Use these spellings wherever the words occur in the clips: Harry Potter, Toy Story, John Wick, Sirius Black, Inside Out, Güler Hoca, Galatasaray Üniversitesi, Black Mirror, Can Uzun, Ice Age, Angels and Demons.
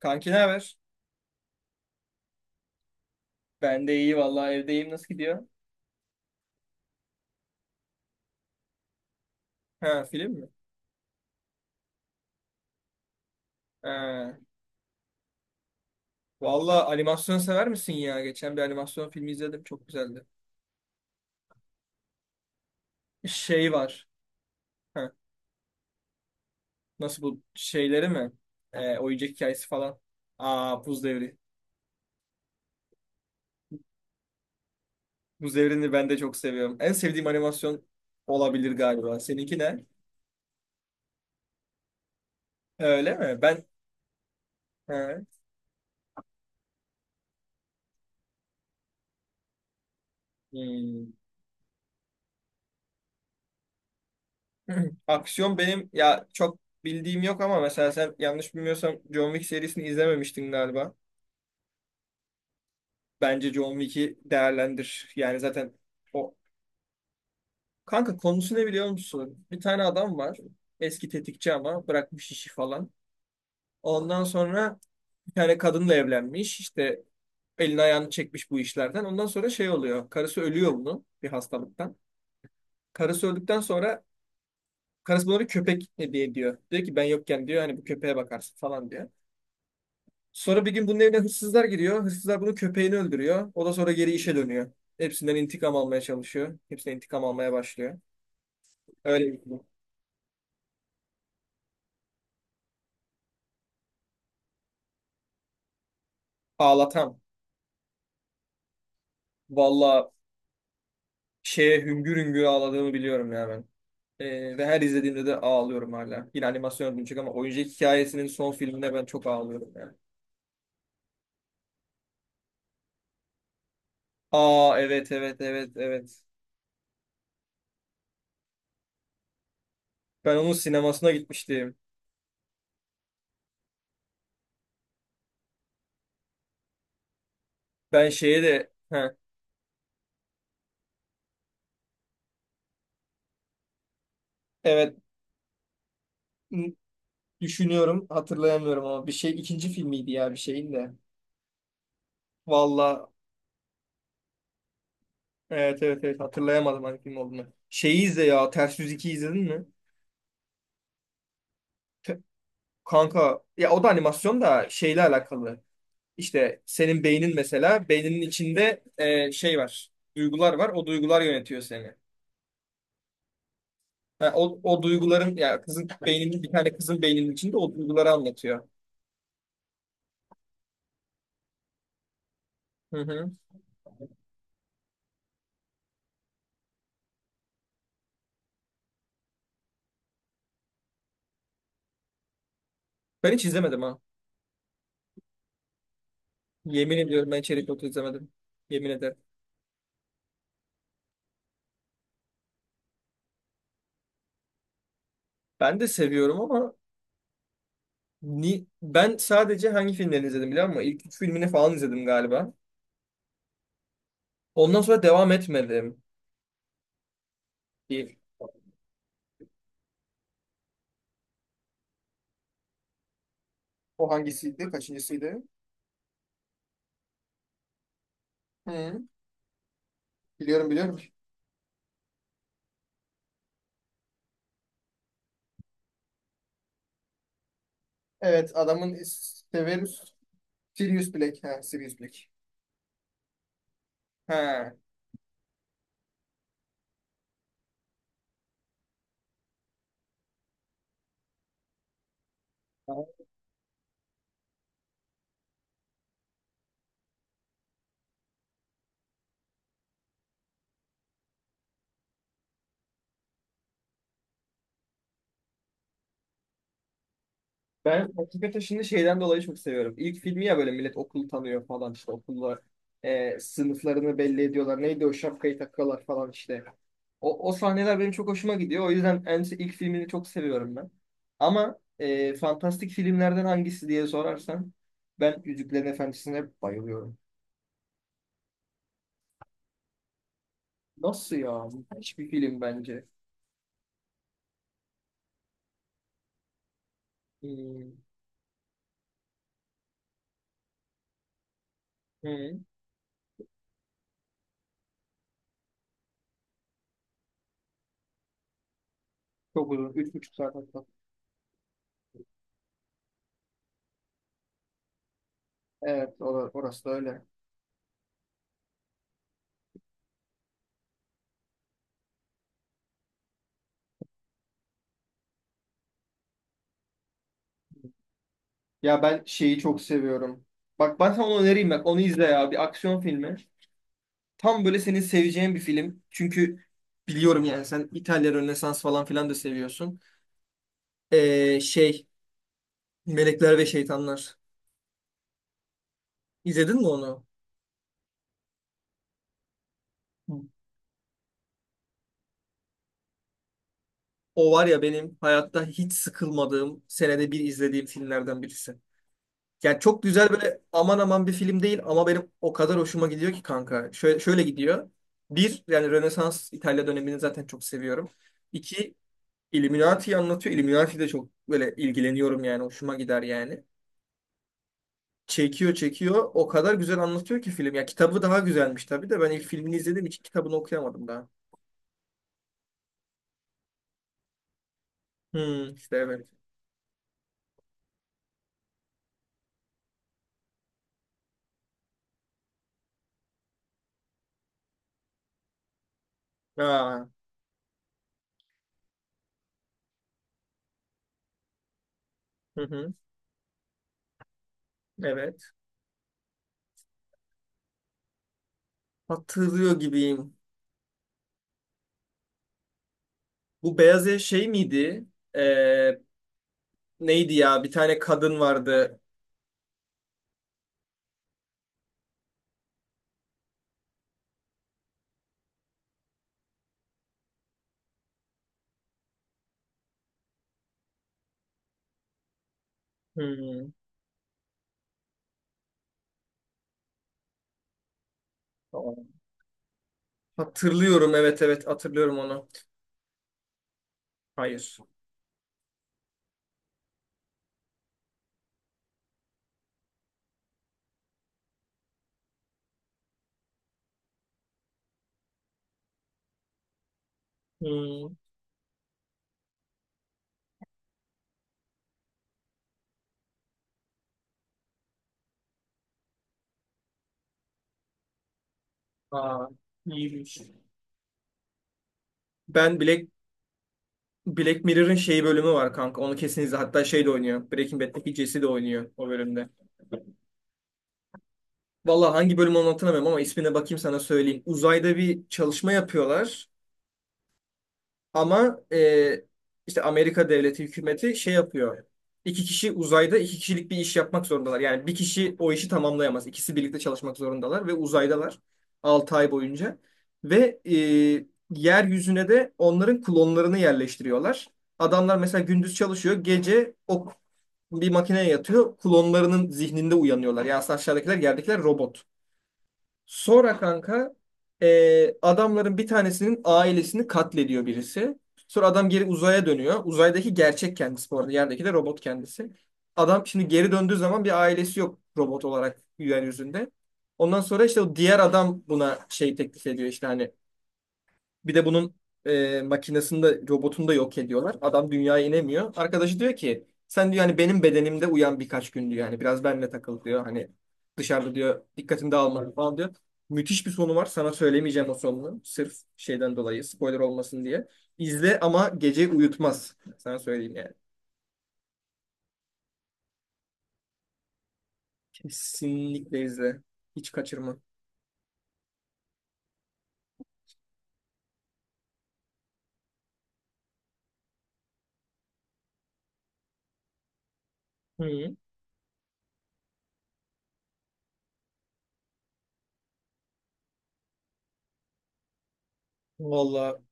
Kanki ne haber? Ben de iyi vallahi evdeyim. Nasıl gidiyor? Ha, film mi? Ha. Vallahi animasyon sever misin ya? Geçen bir animasyon filmi izledim. Çok güzeldi. Şey var. Ha, nasıl bu şeyleri mi? Oyuncak hikayesi falan. Aa, Buz Devri. Buz Devri'ni ben de çok seviyorum. En sevdiğim animasyon olabilir galiba. Seninki ne? Öyle mi? Ben ha. Hmm. Aksiyon benim ya çok bildiğim yok ama mesela sen yanlış bilmiyorsam John Wick serisini izlememiştin galiba. Bence John Wick'i değerlendir. Yani zaten o kanka konusu ne biliyor musun? Bir tane adam var. Eski tetikçi ama bırakmış işi falan. Ondan sonra bir tane kadınla evlenmiş. İşte elini ayağını çekmiş bu işlerden. Ondan sonra şey oluyor. Karısı ölüyor bunu bir hastalıktan. Karısı öldükten sonra karısı buna bir köpek hediye ediyor. Diyor ki ben yokken diyor hani bu köpeğe bakarsın falan diyor. Sonra bir gün bunun evine hırsızlar giriyor. Hırsızlar bunun köpeğini öldürüyor. O da sonra geri işe dönüyor. Hepsinden intikam almaya çalışıyor. Hepsinden intikam almaya başlıyor. Öyle bir film. Ağlatan. Valla şeye hüngür hüngür ağladığımı biliyorum ya ben. Ve her izlediğimde de ağlıyorum hala. Yine animasyon olacak ama oyuncak hikayesinin son filmine ben çok ağlıyorum yani. Aa, evet evet evet evet. Ben onun sinemasına gitmiştim. Ben şeye de heh, evet n- düşünüyorum hatırlayamıyorum ama bir şey ikinci filmiydi ya bir şeyin de. Valla evet evet evet hatırlayamadım hangi film olduğunu. Şeyi izle ya, Ters Yüz 2 izledin mi? Te- Kanka ya o da animasyon da şeyle alakalı. İşte senin beynin mesela beyninin içinde şey var. Duygular var. O duygular yönetiyor seni. Ha, o, o duyguların ya kızın beyninin bir tane kızın beyninin içinde o duyguları anlatıyor. Hı hı. Ben hiç izlemedim ha. Yemin ediyorum ben Cherry Potter izlemedim. Yemin ederim. Ben de seviyorum ama ni ben sadece hangi filmlerini izledim biliyor musun? İlk üç filmini falan izledim galiba. Ondan sonra devam etmedim. Bir- O hangisiydi? Kaçıncısıydı? Hı. Biliyorum biliyorum. Evet adamın Severus Sirius Black. Ha, Sirius Black. Ha. Ben hakikaten şimdi şeyden dolayı çok seviyorum. İlk filmi ya böyle millet okulu tanıyor falan işte okullar sınıflarını belli ediyorlar. Neydi o şapkayı takıyorlar falan işte. O, o sahneler benim çok hoşuma gidiyor. O yüzden en ilk filmini çok seviyorum ben. Ama fantastik filmlerden hangisi diye sorarsan ben Yüzüklerin Efendisi'ne bayılıyorum. Nasıl ya? Müthiş bir film bence. Hmm. Hmm. Çok uzun. Üç buçuk saat hatta. Evet, orası da öyle. Ya ben şeyi çok seviyorum. Bak ben sana onu önereyim, bak onu izle ya, bir aksiyon filmi. Tam böyle senin seveceğin bir film. Çünkü biliyorum yani sen İtalya Rönesans falan filan da seviyorsun. Şey, Melekler ve Şeytanlar. İzledin mi onu? O var ya benim hayatta hiç sıkılmadığım senede bir izlediğim filmlerden birisi. Yani çok güzel böyle aman aman bir film değil ama benim o kadar hoşuma gidiyor ki kanka. Şöyle, şöyle gidiyor. Bir yani Rönesans İtalya dönemini zaten çok seviyorum. İki, Illuminati'yi anlatıyor. Illuminati de çok böyle ilgileniyorum yani. Hoşuma gider yani. Çekiyor çekiyor. O kadar güzel anlatıyor ki film. Ya kitabı daha güzelmiş tabii de ben ilk filmini izlediğim için kitabını okuyamadım daha. Hmm, işte evet. Aa, hı hı, evet. Hatırlıyor gibiyim. Bu beyaz ev şey miydi? Ee, Neydi ya? Bir tane kadın vardı. Hmm, tamam. Hatırlıyorum, evet evet hatırlıyorum onu. Hayır. Hmm, aa, iyiymiş. Ben Black Black Mirror'ın şey bölümü var kanka. Onu kesin izle. Hatta şey de oynuyor. Breaking Bad'deki Jesse de oynuyor o bölümde. Vallahi hangi bölüm olduğunu hatırlamıyorum ama ismine bakayım sana söyleyeyim. Uzayda bir çalışma yapıyorlar. Ama işte Amerika devleti hükümeti şey yapıyor. İki kişi uzayda iki kişilik bir iş yapmak zorundalar. Yani bir kişi o işi tamamlayamaz. İkisi birlikte çalışmak zorundalar ve uzaydalar 6 ay boyunca. Ve yeryüzüne de onların klonlarını yerleştiriyorlar. Adamlar mesela gündüz çalışıyor, gece o bir makineye yatıyor, klonlarının zihninde uyanıyorlar. Yani aslında aşağıdakiler, yerdekiler robot. Sonra kanka adamların bir tanesinin ailesini katlediyor birisi. Sonra adam geri uzaya dönüyor. Uzaydaki gerçek kendisi bu arada. Yerdeki de robot kendisi. Adam şimdi geri döndüğü zaman bir ailesi yok robot olarak yeryüzünde. Ondan sonra işte o diğer adam buna şey teklif ediyor işte hani bir de bunun makinesini de robotunu da yok ediyorlar. Adam dünyaya inemiyor. Arkadaşı diyor ki sen diyor hani benim bedenimde uyan birkaç gün diyor. Hani biraz benimle takıl diyor. Hani dışarıda diyor dikkatini dağılma falan diyor. Müthiş bir sonu var. Sana söylemeyeceğim o sonunu. Sırf şeyden dolayı spoiler olmasın diye. İzle ama gece uyutmaz. Sana söyleyeyim yani. Kesinlikle izle. Hiç kaçırma. Hı. Vallahi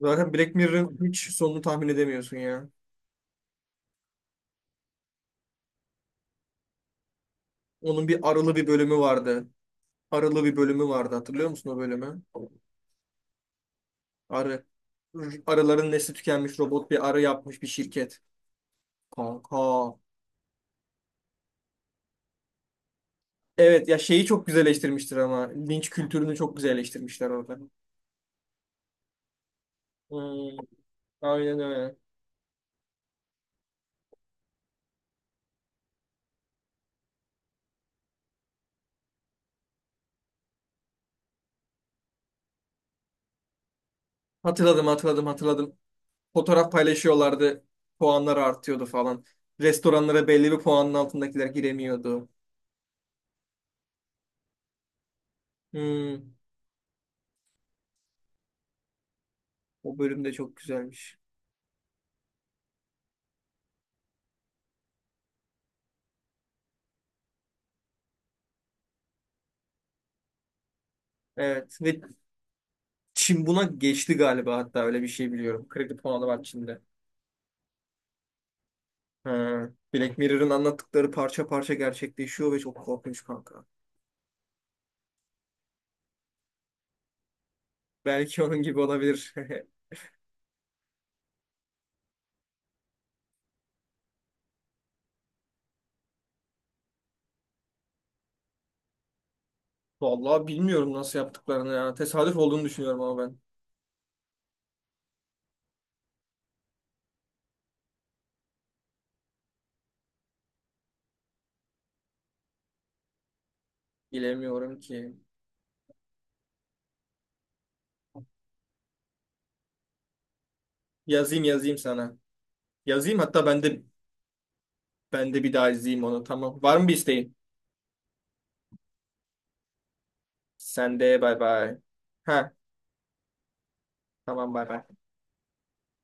zaten Black Mirror'ın hiç sonunu tahmin edemiyorsun ya. Onun bir aralı bir bölümü vardı. Arılı bir bölümü vardı, hatırlıyor musun o bölümü? Arı. Arıların nesli tükenmiş, robot bir arı yapmış bir şirket. Kanka. Evet ya, şeyi çok güzelleştirmiştir ama linç kültürünü çok güzelleştirmişler orada. Hmm, aynen öyle. Hatırladım hatırladım hatırladım. Fotoğraf paylaşıyorlardı. Puanlar artıyordu falan. Restoranlara belli bir puanın altındakiler giremiyordu. Hmm, o bölüm de çok güzelmiş. Evet ve Çin buna geçti galiba, hatta öyle bir şey biliyorum. Kredi puanı var Çin'de. Ha, Black Mirror'ın anlattıkları parça parça gerçekleşiyor ve çok korkunç kanka. Belki onun gibi olabilir. Vallahi bilmiyorum nasıl yaptıklarını ya. Tesadüf olduğunu düşünüyorum ama ben bilemiyorum ki. Yazayım yazayım sana. Yazayım hatta ben de ben de bir daha izleyeyim onu. Tamam. Var mı bir isteğin? Sen de bay bay. Ha, tamam bay bay.